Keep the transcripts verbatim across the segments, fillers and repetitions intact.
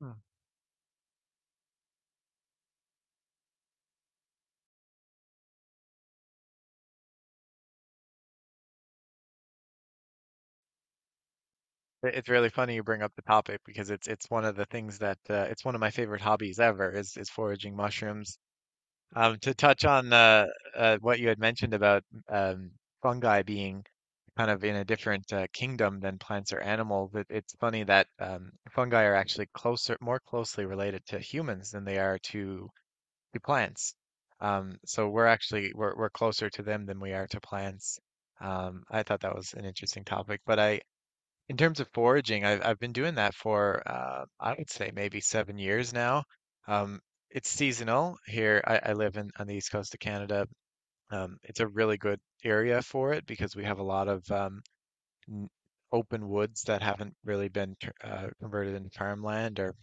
Hmm. It- It's really funny you bring up the topic because it's it's one of the things that uh, it's one of my favorite hobbies ever is is foraging mushrooms. Um, to touch on uh, uh, what you had mentioned about um, fungi being kind of in a different uh, kingdom than plants or animals, it, it's funny that um, fungi are actually closer, more closely related to humans than they are to to plants. Um, so we're actually we're we're closer to them than we are to plants. Um, I thought that was an interesting topic, but I in terms of foraging, I've I've been doing that for uh, I would say maybe seven years now. Um, it's seasonal here. I, I live in on the east coast of Canada. Um, it's a really good area for it because we have a lot of um, n- open woods that haven't really been tur- uh, converted into farmland, or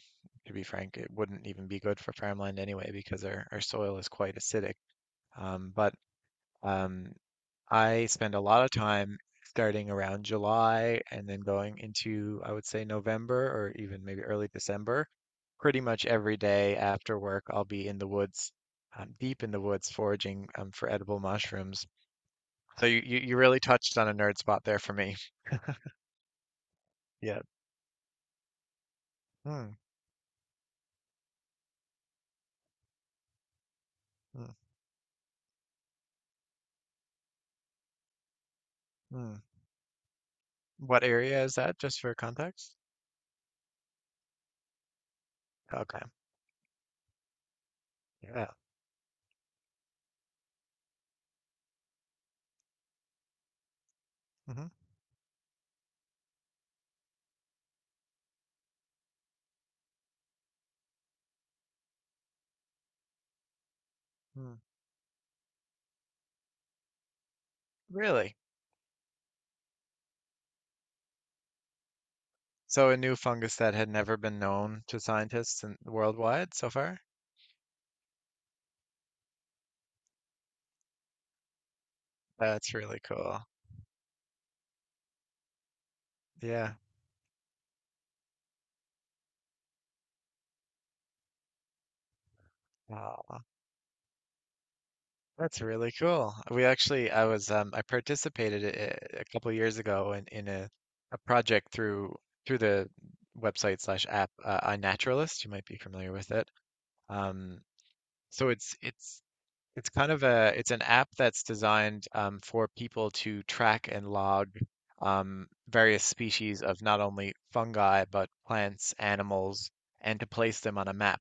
to be frank, it wouldn't even be good for farmland anyway because our, our soil is quite acidic. Um, but um, I spend a lot of time starting around July and then going into, I would say, November or even maybe early December. Pretty much every day after work, I'll be in the woods, um, deep in the woods, foraging um, for edible mushrooms. So you, you, you really touched on a nerd spot there for me. Yeah. Hmm. hmm, hmm. What area is that, just for context? Okay. Yeah. hmm hmm. Really? So a new fungus that had never been known to scientists in, worldwide so far? That's really cool. Yeah. Wow, that's really cool. We actually, I was, um, I participated a, a couple years ago in, in a, a project through through the website slash app uh, iNaturalist. You might be familiar with it. Um, so it's it's it's kind of a it's an app that's designed um, for people to track and log um, various species of not only fungi but plants, animals, and to place them on a map.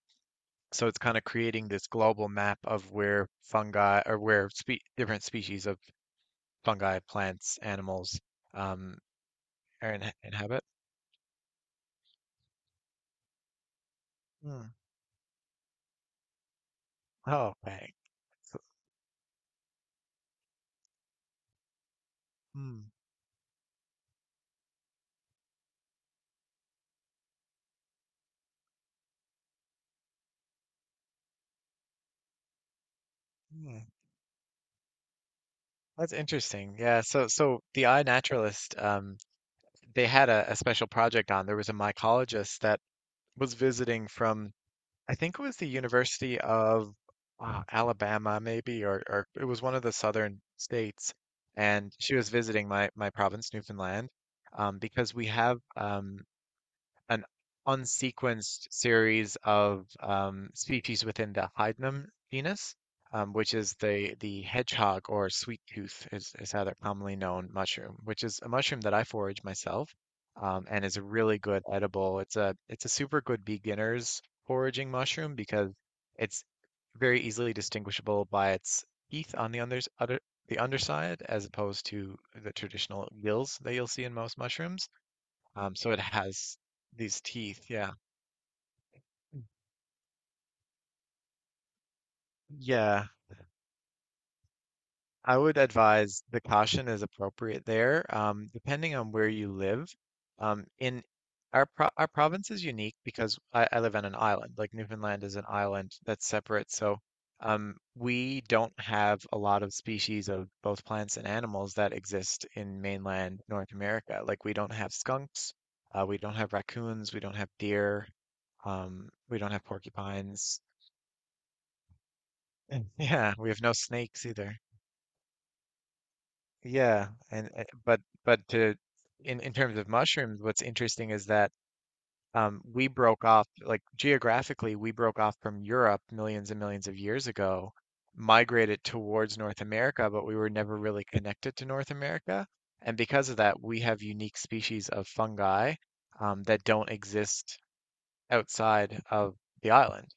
So it's kind of creating this global map of where fungi or where spe different species of fungi, plants, animals um, are in inhabit. Hmm. Oh, okay. So- Hmm. hmm. That's interesting. Yeah. So, so the iNaturalist, um, they had a, a special project on. There was a mycologist that was visiting from I think it was the University of uh, Alabama, maybe, or, or it was one of the southern states. And she was visiting my, my province, Newfoundland, um, because we have um, an unsequenced series of um, species within the Hydnum genus, um, which is the, the hedgehog or sweet tooth is, is how they're commonly known mushroom, which is a mushroom that I forage myself um, and is a really good edible. It's a it's a super good beginner's foraging mushroom because it's very easily distinguishable by its teeth on the unders other the underside as opposed to the traditional gills that you'll see in most mushrooms. Um, so it has these teeth. Yeah. Yeah. I would advise the caution is appropriate there, um, depending on where you live. Um, in our pro Our province is unique because I, I live on an island. Like Newfoundland is an island that's separate, so um, we don't have a lot of species of both plants and animals that exist in mainland North America. Like we don't have skunks, uh, we don't have raccoons, we don't have deer, um, we don't have porcupines. And yeah, we have no snakes either. Yeah, and uh, but but to in in terms of mushrooms, what's interesting is that um we broke off like geographically we broke off from Europe millions and millions of years ago, migrated towards North America, but we were never really connected to North America. And because of that, we have unique species of fungi um, that don't exist outside of the island.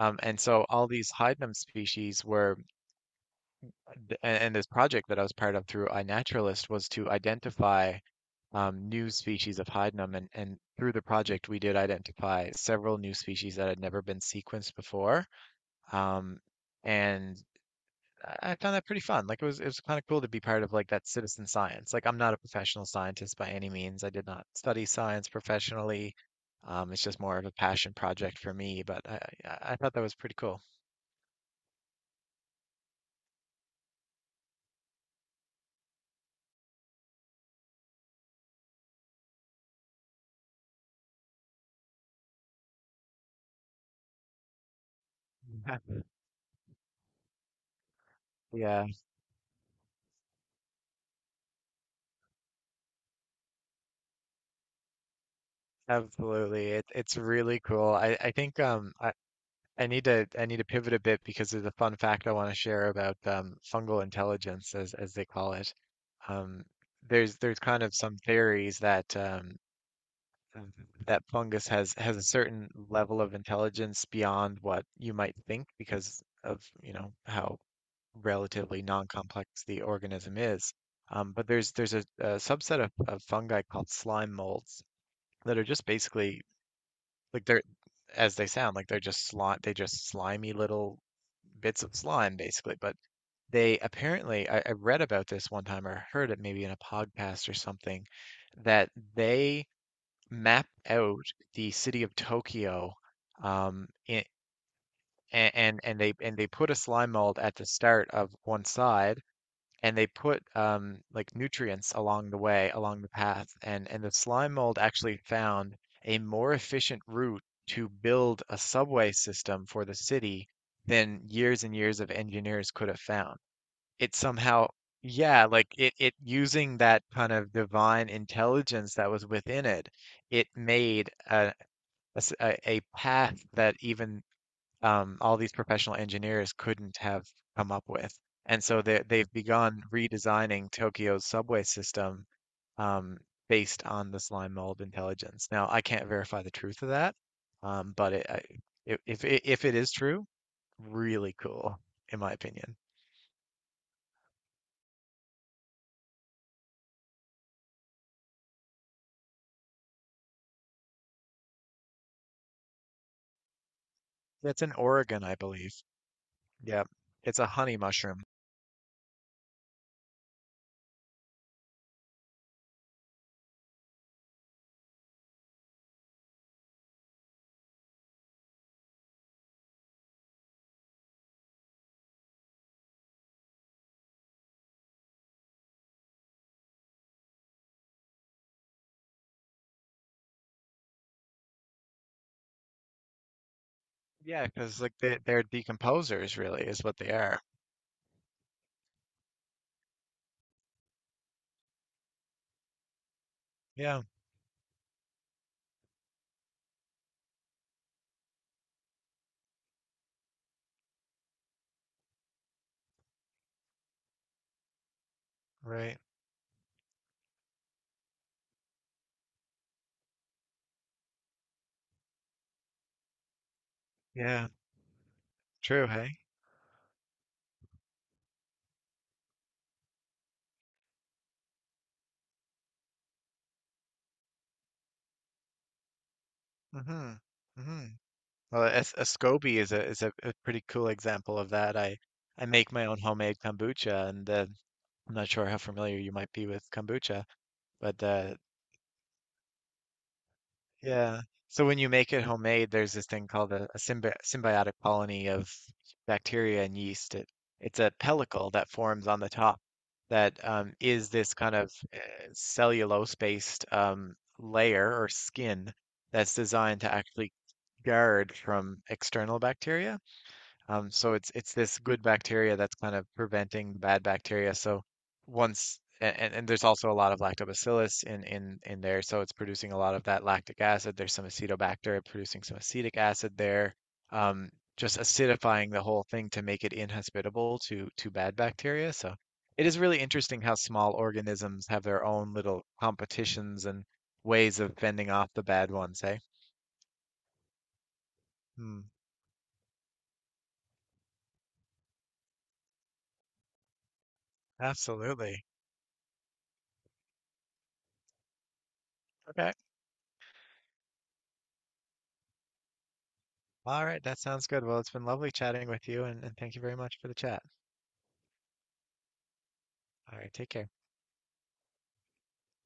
Um, and so all these hydnum species were and, and this project that I was part of through iNaturalist was to identify um, new species of hydnum. And, and through the project, we did identify several new species that had never been sequenced before. Um, and I found that pretty fun. Like it was, it was kind of cool to be part of like that citizen science. Like I'm not a professional scientist by any means. I did not study science professionally. Um, it's just more of a passion project for me, but I I thought that was pretty cool. Yeah. Absolutely. It, it's really cool. I, I think um I, I need to I need to pivot a bit because there's a fun fact I want to share about um fungal intelligence as as they call it. Um there's there's kind of some theories that um that fungus has has a certain level of intelligence beyond what you might think because of, you know, how relatively non-complex the organism is. Um, but there's there's a, a subset of, of fungi called slime molds that are just basically like they're, as they sound, like they're just slime, they just slimy little bits of slime, basically. But they apparently, I, I read about this one time or heard it maybe in a podcast or something, that they map out the city of Tokyo, um, in, and and they and they put a slime mold at the start of one side and they put um, like nutrients along the way, along the path, and and the slime mold actually found a more efficient route to build a subway system for the city than years and years of engineers could have found. It somehow, yeah, like it it using that kind of divine intelligence that was within it, it made a a, s- a- a path that even um, all these professional engineers couldn't have come up with. And so they, they've begun redesigning Tokyo's subway system um, based on the slime mold intelligence. Now, I can't verify the truth of that, um, but it, I, if, if it- if it is true, really cool, in my opinion. It's in Oregon, I believe. Yeah, it's a honey mushroom. Yeah, because like they, they're decomposers, really, is what they are. Yeah, right. Yeah, true. Hey. Mm-hmm. Mm-hmm. Well, a a SCOBY is a is a, a pretty cool example of that. I I make my own homemade kombucha, and uh, I'm not sure how familiar you might be with kombucha, but uh, yeah. So when you make it homemade, there's this thing called a, a symbi symbiotic colony of bacteria and yeast. It, it's a pellicle that forms on the top that um, is this kind of uh, cellulose-based um, layer or skin that's designed to actually guard from external bacteria. Um, so it's it's this good bacteria that's kind of preventing the bad bacteria. So once and, and there's also a lot of lactobacillus in in in there, so it's producing a lot of that lactic acid. There's some acetobacter producing some acetic acid there, um, just acidifying the whole thing to make it inhospitable to to bad bacteria. So it is really interesting how small organisms have their own little competitions and ways of fending off the bad ones, hey, hmm, absolutely. Okay. All right, that sounds good. Well, it's been lovely chatting with you, and, and thank you very much for the chat. All right, take care.